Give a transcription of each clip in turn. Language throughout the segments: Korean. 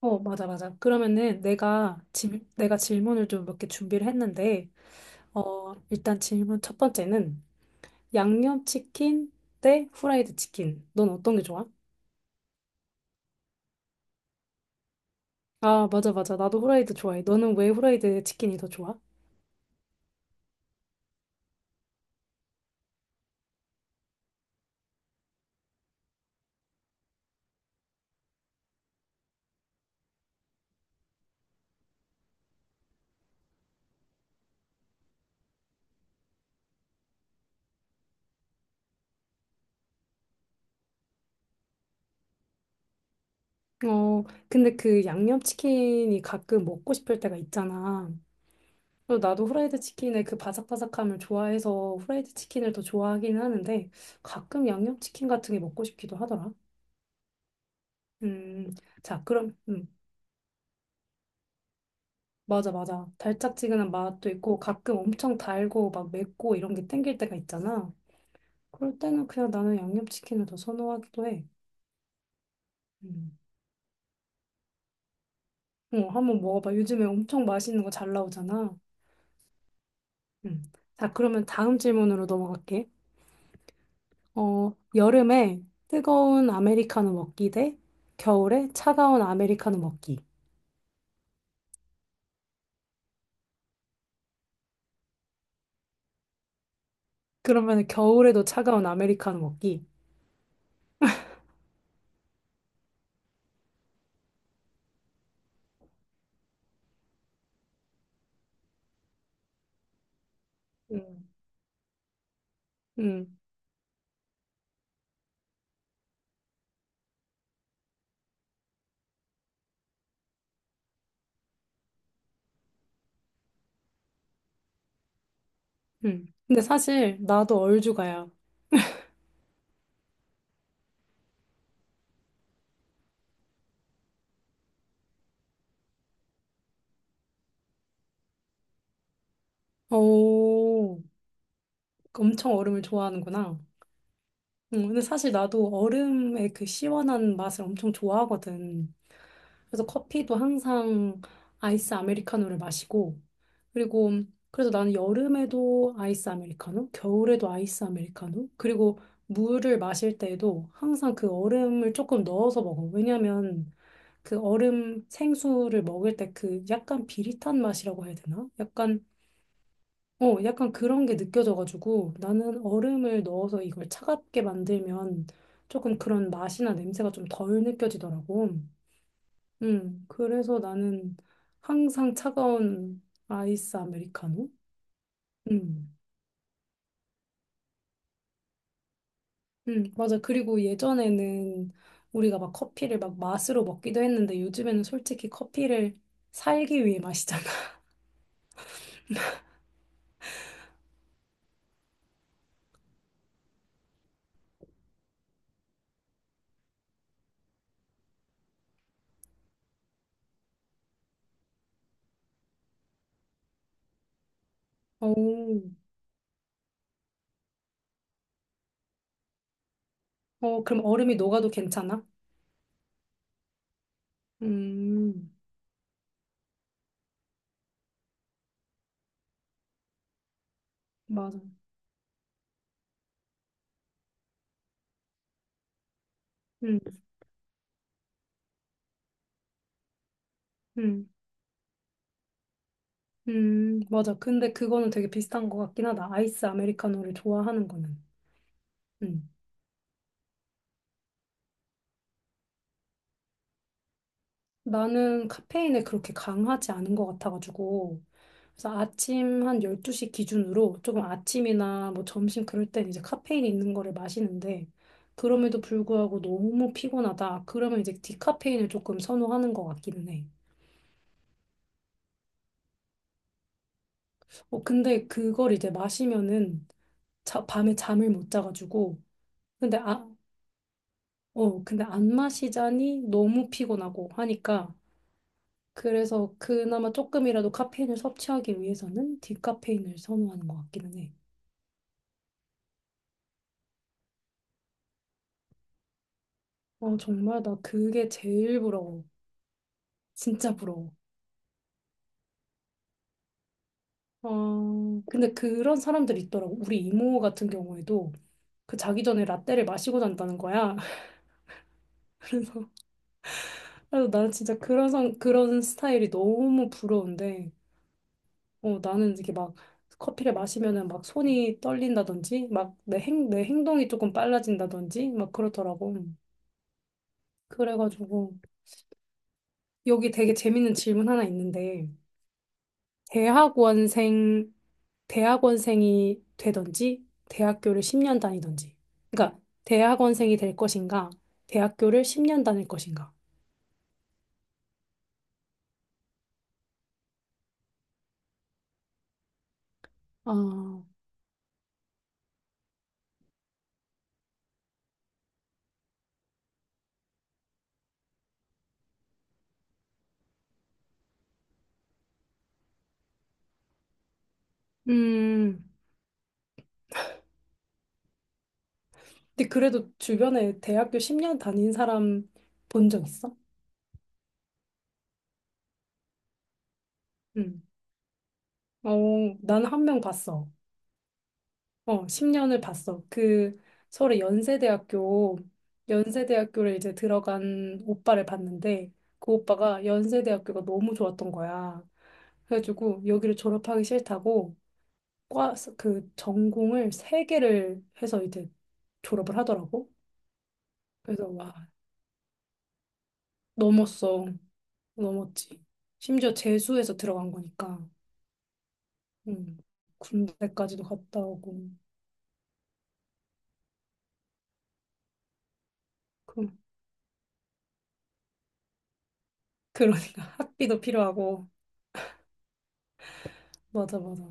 맞아, 맞아. 그러면은 내가 질문을 좀 몇 개 준비를 했는데, 일단 질문 첫 번째는 양념치킨 대 후라이드 치킨. 넌 어떤 게 좋아? 아, 맞아, 맞아. 나도 후라이드 좋아해. 너는 왜 후라이드 치킨이 더 좋아? 근데 그 양념치킨이 가끔 먹고 싶을 때가 있잖아. 그래서 나도 후라이드 치킨의 그 바삭바삭함을 좋아해서 후라이드 치킨을 더 좋아하긴 하는데, 가끔 양념치킨 같은 게 먹고 싶기도 하더라. 음, 자, 그럼. 맞아, 맞아. 달짝지근한 맛도 있고 가끔 엄청 달고 막 맵고 이런 게 땡길 때가 있잖아. 그럴 때는 그냥 나는 양념치킨을 더 선호하기도 해. 음. 한번 먹어봐. 요즘에 엄청 맛있는 거 잘 나오잖아. 음. 자, 그러면 다음 질문으로 넘어갈게. 여름에 뜨거운 아메리카노 먹기 대 겨울에 차가운 아메리카노 먹기. 그러면 겨울에도 차가운 아메리카노 먹기. 음. 음. 음. 근데 사실 나도 얼죽아야. 오. 엄청 얼음을 좋아하는구나. 근데 사실 나도 얼음의 그 시원한 맛을 엄청 좋아하거든. 그래서 커피도 항상 아이스 아메리카노를 마시고, 그리고 그래서 나는 여름에도 아이스 아메리카노, 겨울에도 아이스 아메리카노, 그리고 물을 마실 때에도 항상 그 얼음을 조금 넣어서 먹어. 왜냐면 그 얼음 생수를 먹을 때 그 약간 비릿한 맛이라고 해야 되나? 약간 그런 게 느껴져가지고 나는 얼음을 넣어서 이걸 차갑게 만들면 조금 그런 맛이나 냄새가 좀 덜 느껴지더라고. 그래서 나는 항상 차가운 아이스 아메리카노? 음, 맞아. 그리고 예전에는 우리가 막 커피를 막 맛으로 먹기도 했는데 요즘에는 솔직히 커피를 살기 위해 마시잖아. 오, 그럼 얼음이 녹아도 괜찮아? 음, 맞아. 음, 음. 맞아. 근데 그거는 되게 비슷한 것 같긴 하다. 아이스 아메리카노를 좋아하는 거는. 음. 나는 카페인에 그렇게 강하지 않은 것 같아가지고. 그래서 아침 한 12시 기준으로 조금 아침이나 뭐 점심 그럴 땐 이제 카페인 있는 거를 마시는데, 그럼에도 불구하고 너무 피곤하다. 그러면 이제 디카페인을 조금 선호하는 것 같기는 해. 근데 그걸 이제 마시면은 자, 밤에 잠을 못 자가지고. 근데 아, 근데 안 마시자니 너무 피곤하고 하니까 그래서 그나마 조금이라도 카페인을 섭취하기 위해서는 디카페인을 선호하는 것 같기는 해. 정말 나 그게 제일 부러워. 진짜 부러워. 근데 그런 사람들이 있더라고. 우리 이모 같은 경우에도 그 자기 전에 라떼를 마시고 잔다는 거야. 그래서 나는 진짜 그런 스타일이 너무 부러운데 나는 이렇게 막 커피를 마시면은 막 손이 떨린다든지, 막 내 행동이 조금 빨라진다든지, 막 그러더라고. 그래가지고, 여기 되게 재밌는 질문 하나 있는데, 대학원생, 대학원생이 되든지, 대학교를 10년 다니든지. 그러니까, 대학원생이 될 것인가, 대학교를 10년 다닐 것인가. 아, 음. 근데 그래도 주변에 대학교 10년 다닌 사람 본 적 있어? 응. 어, 나는 한 명 봤어. 10년을 봤어. 그 서울의 연세대학교를 이제 들어간 오빠를 봤는데 그 오빠가 연세대학교가 너무 좋았던 거야. 그래가지고 여기를 졸업하기 싫다고 그 전공을 3개를 해서 이제 졸업을 하더라고. 그래서 와, 넘었어. 넘었지. 심지어 재수해서 들어간 거니까. 음, 군대까지도 갔다 오고. 그, 그러니까 학비도 필요하고. 맞아, 맞아.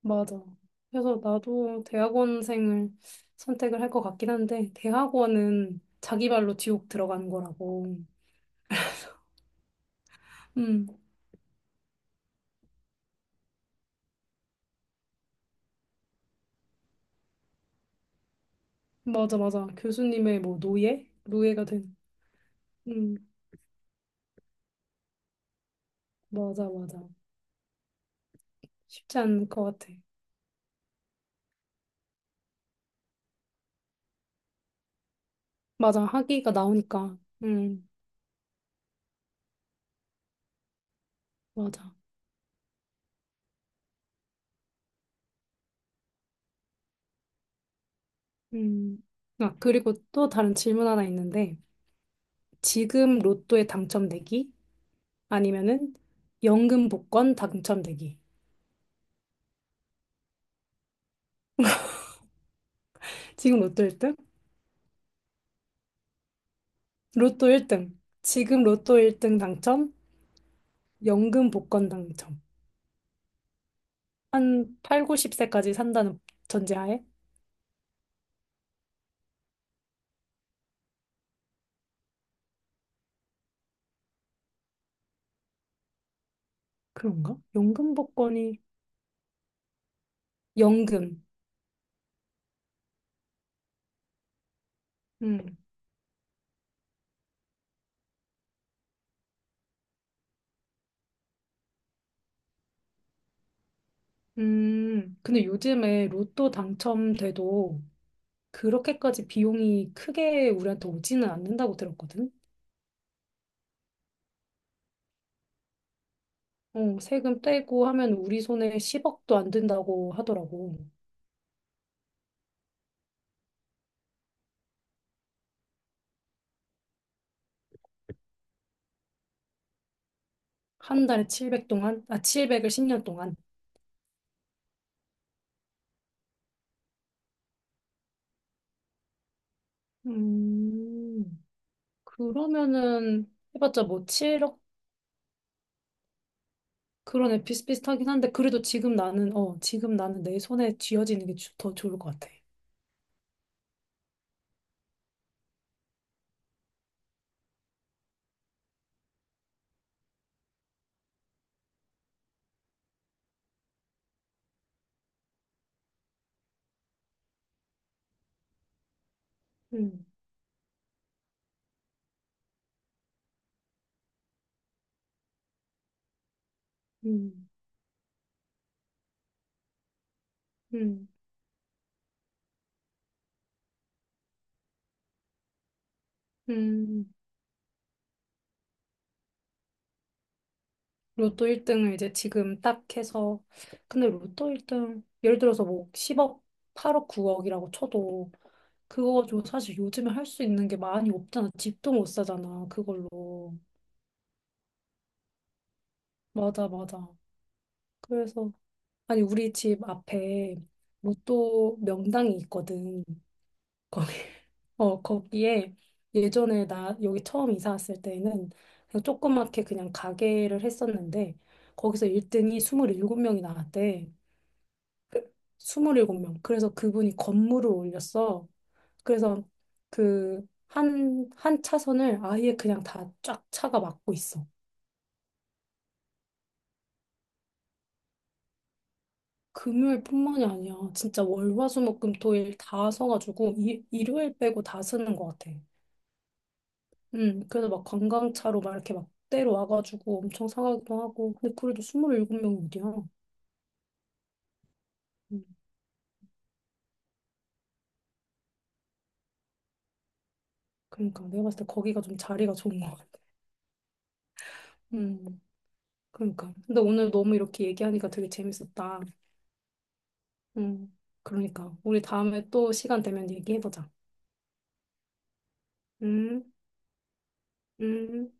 맞아. 그래서 나도 대학원생을 선택을 할 것 같긴 한데, 대학원은 자기 발로 지옥 들어가는 거라고. 음, 맞아, 맞아. 교수님의 뭐 노예? 노예가 된. 음, 맞아, 맞아. 쉽지 않을 것 같아. 맞아. 학위가 나오니까. 음, 맞아. 음. 아, 그리고 또 다른 질문 하나 있는데, 지금 로또에 당첨되기? 아니면은 연금 복권 당첨되기? 지금 로또 1등. 로또 1등. 지금 로또 1등 당첨, 연금 복권 당첨. 한 8, 90세까지 산다는 전제하에? 그런가? 연금 복권이, 연금. 음, 근데 요즘에 로또 당첨돼도 그렇게까지 비용이 크게 우리한테 오지는 않는다고 들었거든? 세금 떼고 하면 우리 손에 10억도 안 든다고 하더라고. 한 달에 700 동안? 아, 700을 10년 동안. 음. 그러면은 해봤자 뭐 7억 그런 애 비슷비슷하긴 한데 그래도 지금 나는 내 손에 쥐어지는 게 더 좋을 것 같아. 음, 음, 음, 음. 로또 1등을 이제 지금 딱 해서 근데 로또 1등 예를 들어서 뭐 10억, 8억, 9억이라고 쳐도 그거 가지고 사실 요즘에 할 수 있는 게 많이 없잖아. 집도 못 사잖아. 그걸로. 맞아, 맞아. 그래서 아니 우리 집 앞에 로또 명당이 있거든. 거기, 거기에 예전에 나 여기 처음 이사 왔을 때는 그냥 조그맣게 그냥 가게를 했었는데 거기서 1등이 27명이 나왔대. 27명. 그래서 그분이 건물을 올렸어. 그래서 그 한 차선을 아예 그냥 다 쫙 차가 막고 있어. 금요일뿐만이 아니야. 진짜 월, 화, 수, 목, 금, 토, 일 다 서가지고 일요일 빼고 다 쓰는 것 같아. 그래서 막 관광차로 막 이렇게 막 때려 와가지고 엄청 사가기도 하고. 근데 그래도 27명이 어디야? 음, 그러니까 내가 봤을 때 거기가 좀 자리가 좋은 것 같아. 음, 그러니까. 근데 오늘 너무 이렇게 얘기하니까 되게 재밌었다. 음, 그러니까. 우리 다음에 또 시간 되면 얘기해보자. 음, 음.